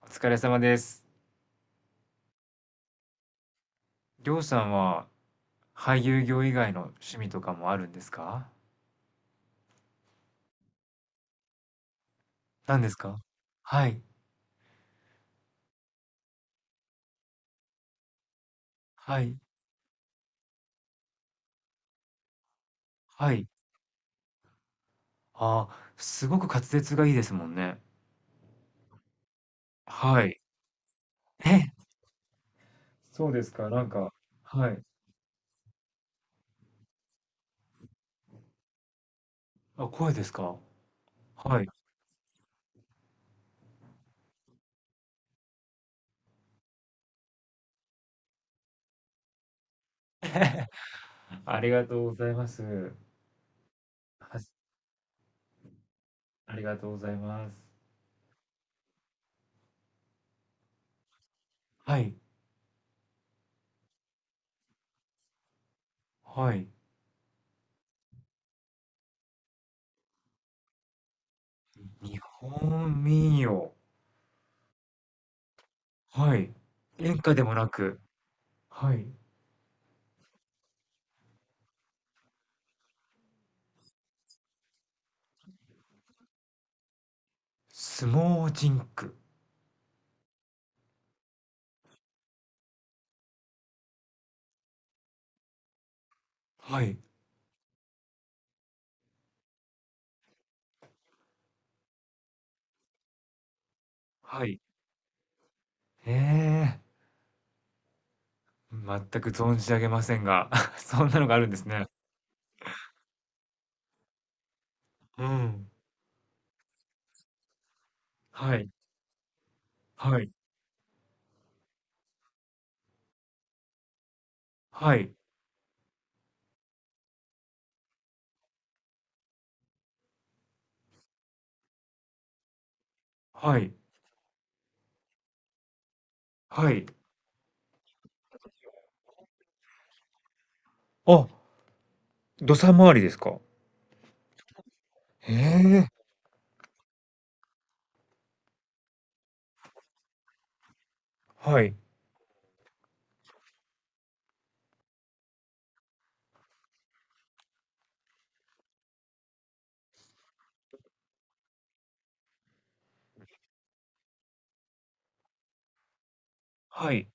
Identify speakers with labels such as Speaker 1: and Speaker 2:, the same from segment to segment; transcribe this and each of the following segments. Speaker 1: お疲れ様です。りょうさんは俳優業以外の趣味とかもあるんですか？何ですか？はい。はい、はい。ああ、すごく滑舌がいいですもんね。はい。え、そうですか？なんか、はい。あ、声ですか？はい。ありがとうございます。はし、ありがとうございます。はい、はい。日本民謡。はい。演歌でもなく、はい。相撲甚句。はい、はい。へえ、全く存じ上げませんが、そんなのがあるんですね。うん。はい、はい、はい、はい、はい。あ、土佐回りですか。へえ、はい、はい。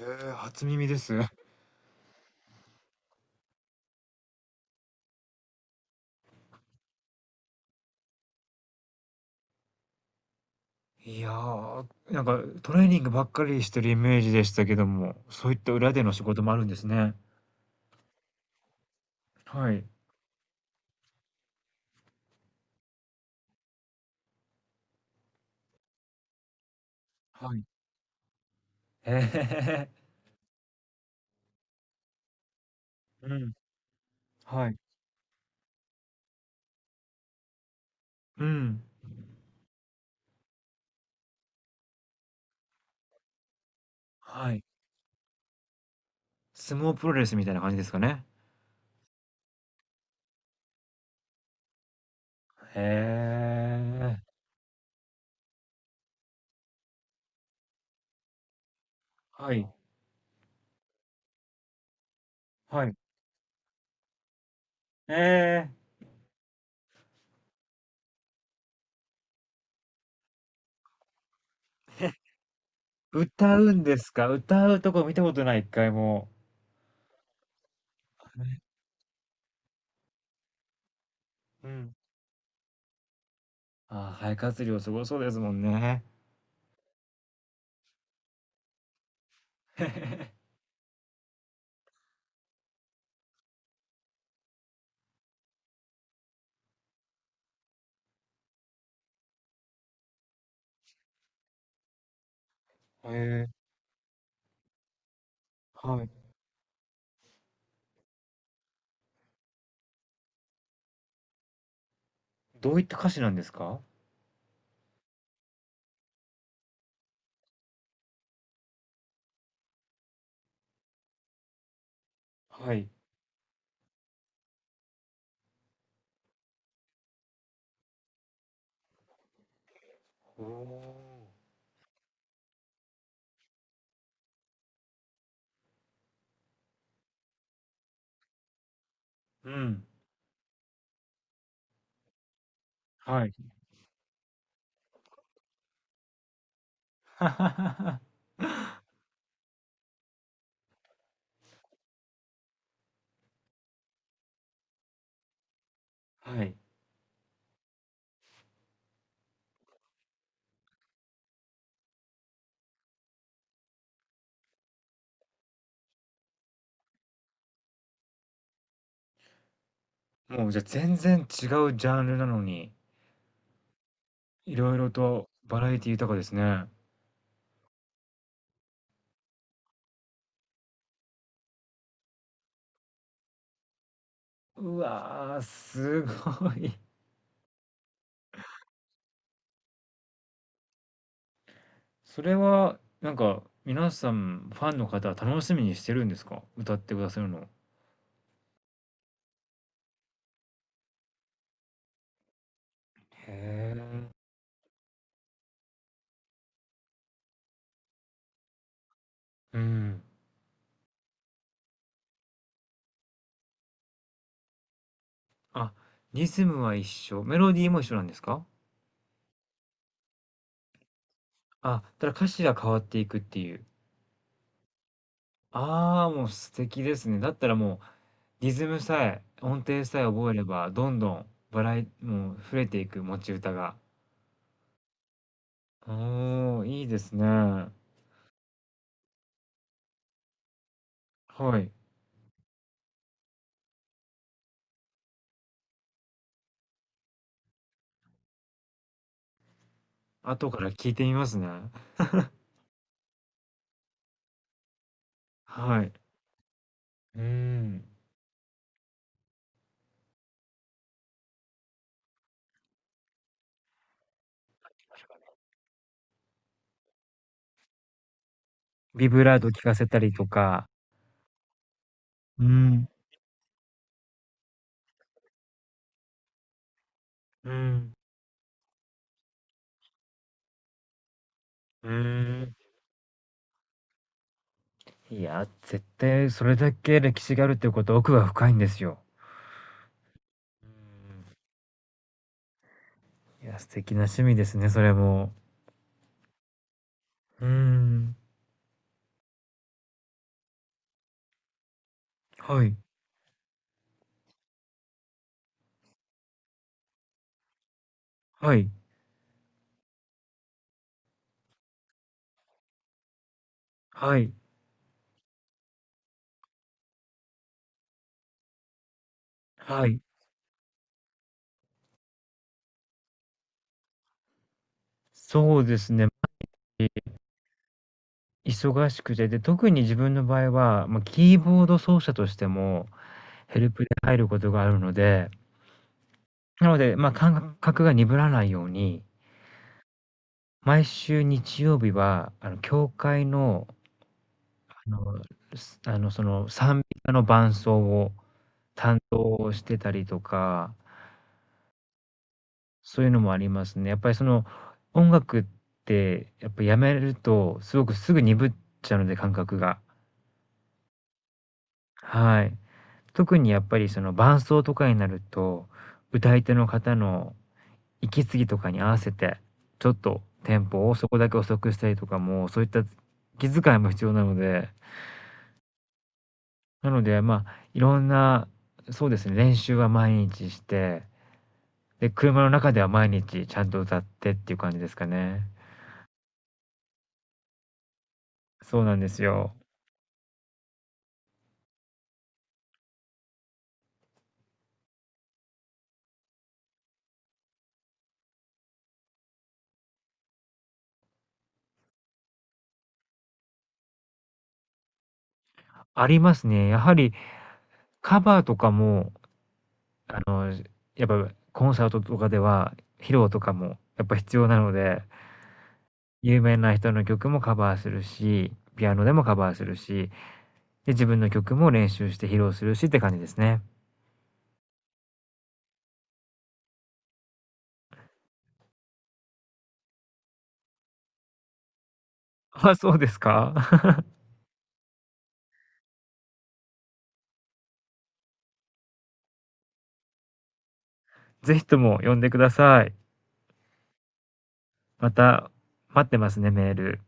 Speaker 1: へえ、初耳です。いやー、なんかトレーニングばっかりしてるイメージでしたけども、そういった裏での仕事もあるんですね。はい、はい。へえ、うん、はい、うん、はい。相撲プロレスみたいな感じですかね。へえ、はい。はい。ええ。歌うんですか？歌うとこ見たことない、1回も。うん。ああ、肺活量すごそうですもんね。へえ、はい。どういった歌詞なんですか？はい。おお。うん、はい。はい。もうじゃ、全然違うジャンルなのに、色々とバラエティ豊かですね。うわー、すごい。それは、なんか、皆さん、ファンの方は楽しみにしてるんですか？歌ってくださるのへえ、うん。あ、リズムは一緒、メロディーも一緒なんですか？あ、ただ歌詞が変わっていくっていう。ああ、もう素敵ですね。だったらもう、リズムさえ、音程さえ覚えれば、どんどんバラエもう増えていく持ち歌が。おお、いいですね。はい。後から聞いてみますね。はい。うーん。ビブラート聞かせたりとか。うん。うん。うーん。いや、絶対それだけ歴史があるっていうことは奥が深いんですよ。うーん。いや、素敵な趣味ですね、それも。うーん。はい、はい、はい、はい。そうですね。忙しくて、で、特に自分の場合は、ま、キーボード奏者としても、ヘルプで入ることがあるので、なので、ま、感覚が鈍らないように、毎週日曜日は、あの、教会のあの、すあの、その、賛美歌の伴奏を担当してたりとか、そういうのもありますね。やっぱりその、音楽ってやっぱやめると、すごくすぐ鈍っちゃうので、感覚が。はい。特にやっぱりその伴奏とかになると、歌い手の方の息継ぎとかに合わせて、ちょっとテンポをそこだけ遅くしたりとかも、そういった気遣いも必要なので、なので、まあ、いろんな、そうですね、練習は毎日してで、車の中では毎日ちゃんと歌ってっていう感じですかね。そうなんですよ。ありますね。やはりカバーとかも、あの、やっぱコンサートとかでは、披露とかもやっぱ必要なので、有名な人の曲もカバーするし、ピアノでもカバーするし、で、自分の曲も練習して披露するしって感じですね。あ、そうですか。ぜひとも呼んでください。また待ってますね、メール。